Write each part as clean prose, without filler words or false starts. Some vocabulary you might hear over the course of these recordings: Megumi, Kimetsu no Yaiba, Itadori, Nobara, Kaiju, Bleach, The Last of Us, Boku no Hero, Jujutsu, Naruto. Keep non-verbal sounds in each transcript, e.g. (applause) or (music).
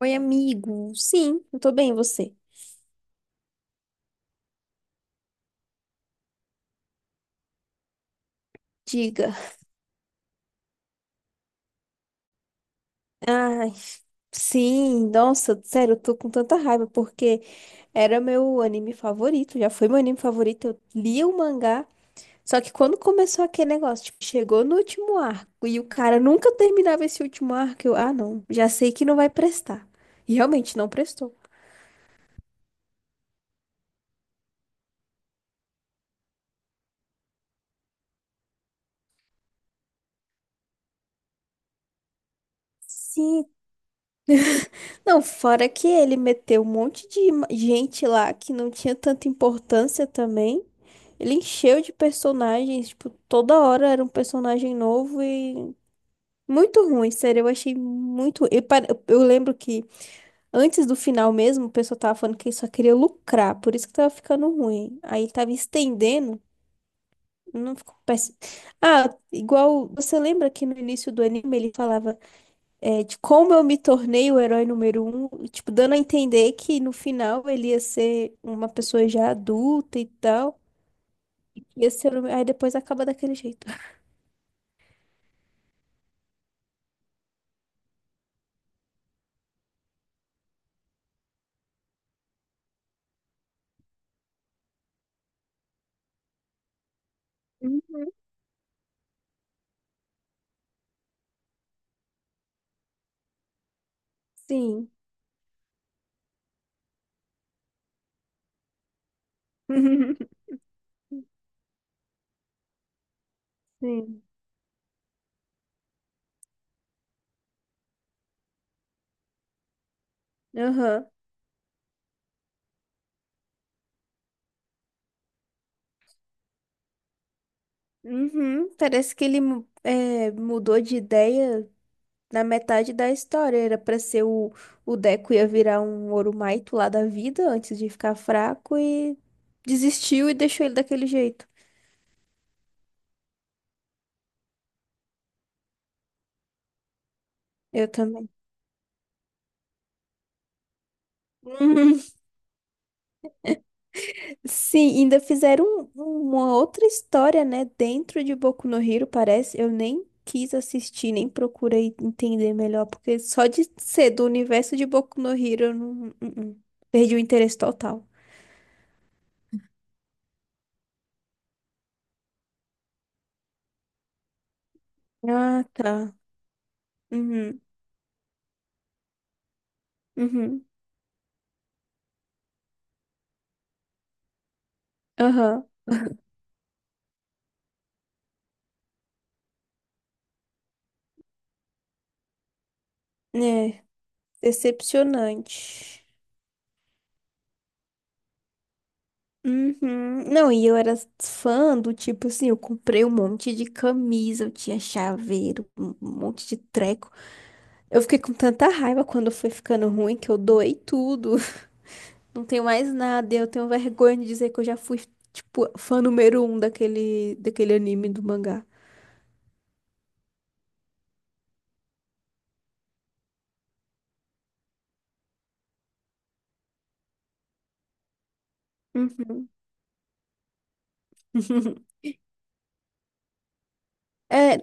Oi, amigo. Sim, eu tô bem, e você? Diga. Ai, sim, nossa, sério, eu tô com tanta raiva porque era meu anime favorito, já foi meu anime favorito, eu li o mangá. Só que quando começou aquele negócio, tipo, chegou no último arco e o cara nunca terminava esse último arco, eu, ah, não, já sei que não vai prestar. E realmente não prestou. Sim. Não, fora que ele meteu um monte de gente lá que não tinha tanta importância também. Ele encheu de personagens, tipo, toda hora era um personagem novo e muito ruim, sério, eu achei muito. Eu, eu lembro que antes do final mesmo, o pessoal tava falando que ele só queria lucrar, por isso que tava ficando ruim. Aí tava estendendo, não ficou péssimo. Ah, igual, você lembra que no início do anime ele falava de como eu me tornei o herói número um, e, tipo, dando a entender que no final ele ia ser uma pessoa já adulta e tal. Ia ser, aí depois acaba daquele jeito. Hum. Sim. (laughs) Sim. Aham. Uhum. Parece que ele mudou de ideia na metade da história. Era pra ser o Deco ia virar um Orumaito lá da vida antes de ficar fraco e desistiu e deixou ele daquele jeito. Eu também. (laughs) Sim, ainda fizeram um- uma outra história, né, dentro de Boku no Hero, parece. Eu nem quis assistir, nem procurei entender melhor, porque só de ser do universo de Boku no Hero, eu não, não. Perdi o interesse total. Ah, tá. Uhum, uhum, aham. É, decepcionante. Uhum. Não, e eu era fã do tipo assim, eu comprei um monte de camisa, eu tinha chaveiro, um monte de treco. Eu fiquei com tanta raiva quando foi ficando ruim que eu doei tudo. (laughs) Não tenho mais nada. E eu tenho vergonha de dizer que eu já fui, tipo, fã número um daquele anime do mangá. Uhum. (laughs) É,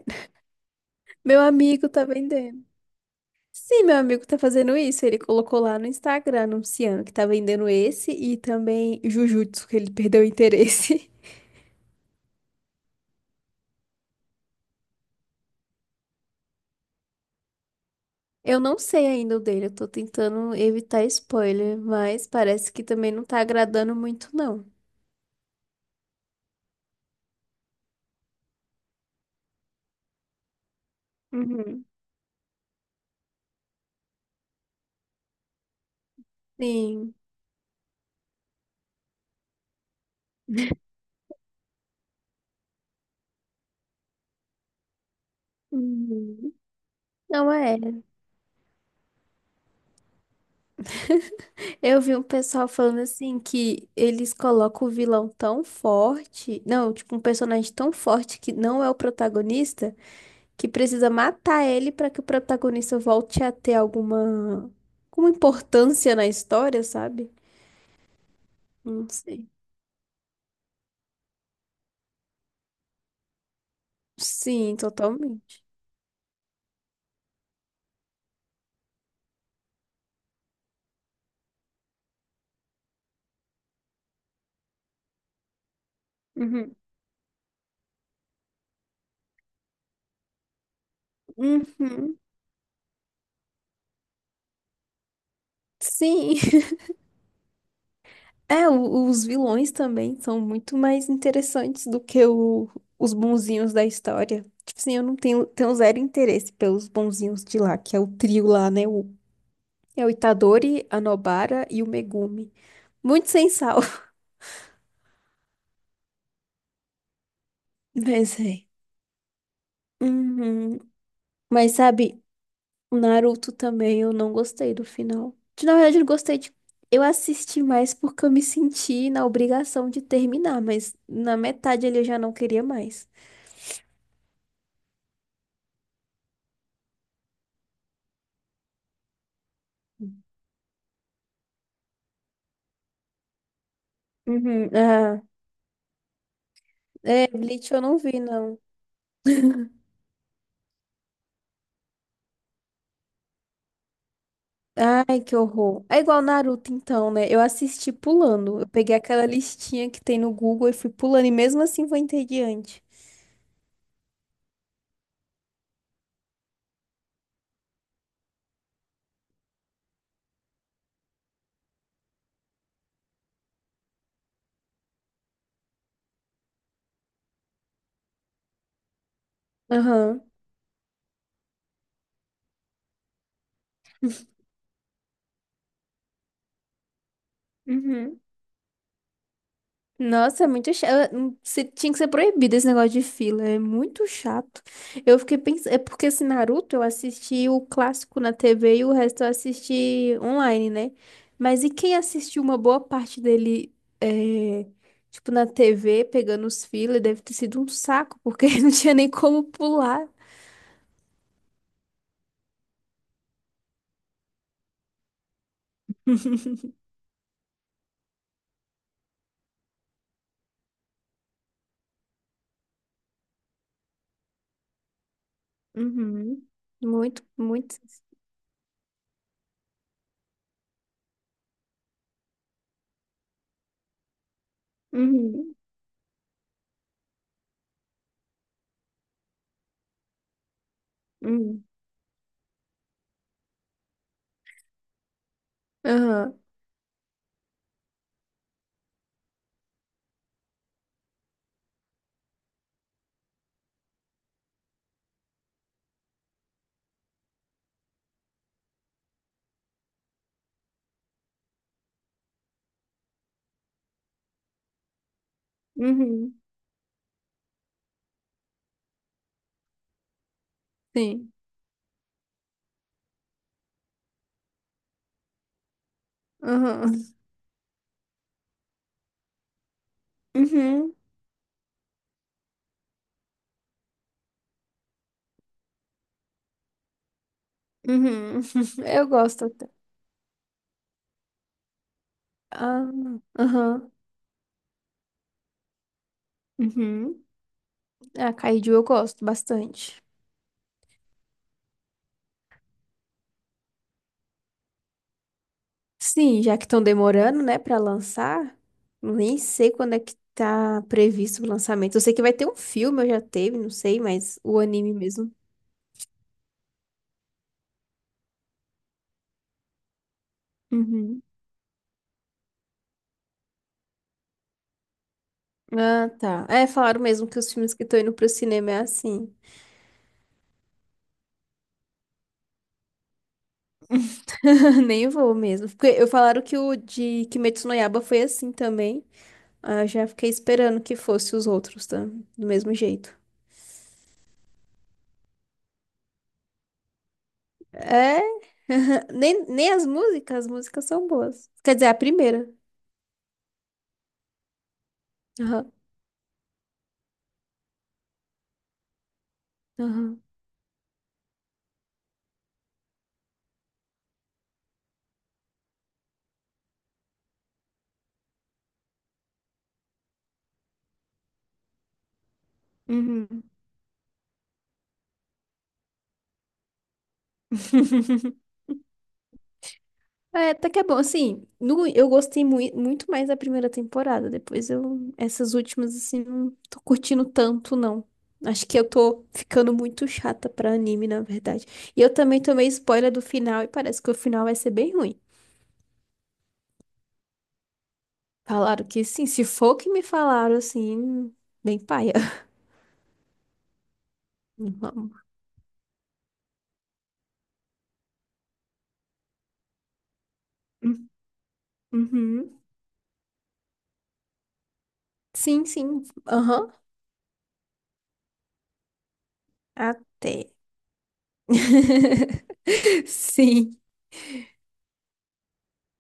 meu amigo tá vendendo. Sim, meu amigo tá fazendo isso. Ele colocou lá no Instagram anunciando que tá vendendo esse e também Jujutsu, que ele perdeu o interesse. (laughs) Eu não sei ainda o dele, eu tô tentando evitar spoiler, mas parece que também não tá agradando muito, não. Uhum. Sim. Uhum. Não é. Eu vi um pessoal falando assim que eles colocam o vilão tão forte, não, tipo um personagem tão forte que não é o protagonista, que precisa matar ele pra que o protagonista volte a ter alguma, alguma importância na história, sabe? Não sei. Sim, totalmente. Uhum. Uhum. Sim. É, os vilões também são muito mais interessantes do que os bonzinhos da história. Tipo assim, eu não tenho, tenho zero interesse pelos bonzinhos de lá, que é o trio lá, né? O, é o Itadori, a Nobara e o Megumi. Muito sem sal, (laughs) mas é. Uhum. Mas sabe, o Naruto também eu não gostei do final. De, na verdade, eu gostei de. Eu assisti mais porque eu me senti na obrigação de terminar, mas na metade ali eu já não queria mais. Uhum. É, Bleach eu não vi, não. Ai, que horror. É igual Naruto, então, né? Eu assisti pulando. Eu peguei aquela listinha que tem no Google e fui pulando, e mesmo assim vou entediante. Aham. Uhum. Nossa, é muito chato. Tinha que ser proibido esse negócio de fila. É muito chato. Eu fiquei pensando. É porque esse Naruto eu assisti o clássico na TV e o resto eu assisti online, né? Mas e quem assistiu uma boa parte dele, é, tipo, na TV, pegando os fila, deve ter sido um saco, porque (laughs) não tinha nem como pular. Uhum. Muito, muito. Uhum. Uhum. Aham. Uhum. Sim. Aham. Uhum. Uhum. (laughs) Eu gosto. Ah, aham. Uhum. A Kaiju eu gosto bastante. Sim, já que estão demorando, né, pra lançar, nem sei quando é que tá previsto o lançamento. Eu sei que vai ter um filme, eu já teve, não sei, mas o anime mesmo. Uhum. Ah, tá. É, falaram mesmo que os filmes que estão indo pro cinema é assim. (laughs) Nem vou mesmo. Porque eu falaram que o de Kimetsu no Yaiba foi assim também. Ah, eu já fiquei esperando que fosse os outros, tá? Do mesmo jeito. É. (laughs) Nem, nem as músicas, as músicas são boas. Quer dizer, a primeira. Aham, aham. Uhum. (laughs) É, até que é bom. Assim, no, eu gostei muito mais da primeira temporada. Depois eu. Essas últimas, assim, não tô curtindo tanto, não. Acho que eu tô ficando muito chata pra anime, na verdade. E eu também tomei spoiler do final e parece que o final vai ser bem ruim. Falaram que sim, se for o que me falaram, assim, bem paia. (laughs) Vamos. Uhum. Sim, sim. Aham. Até. (laughs) Sim.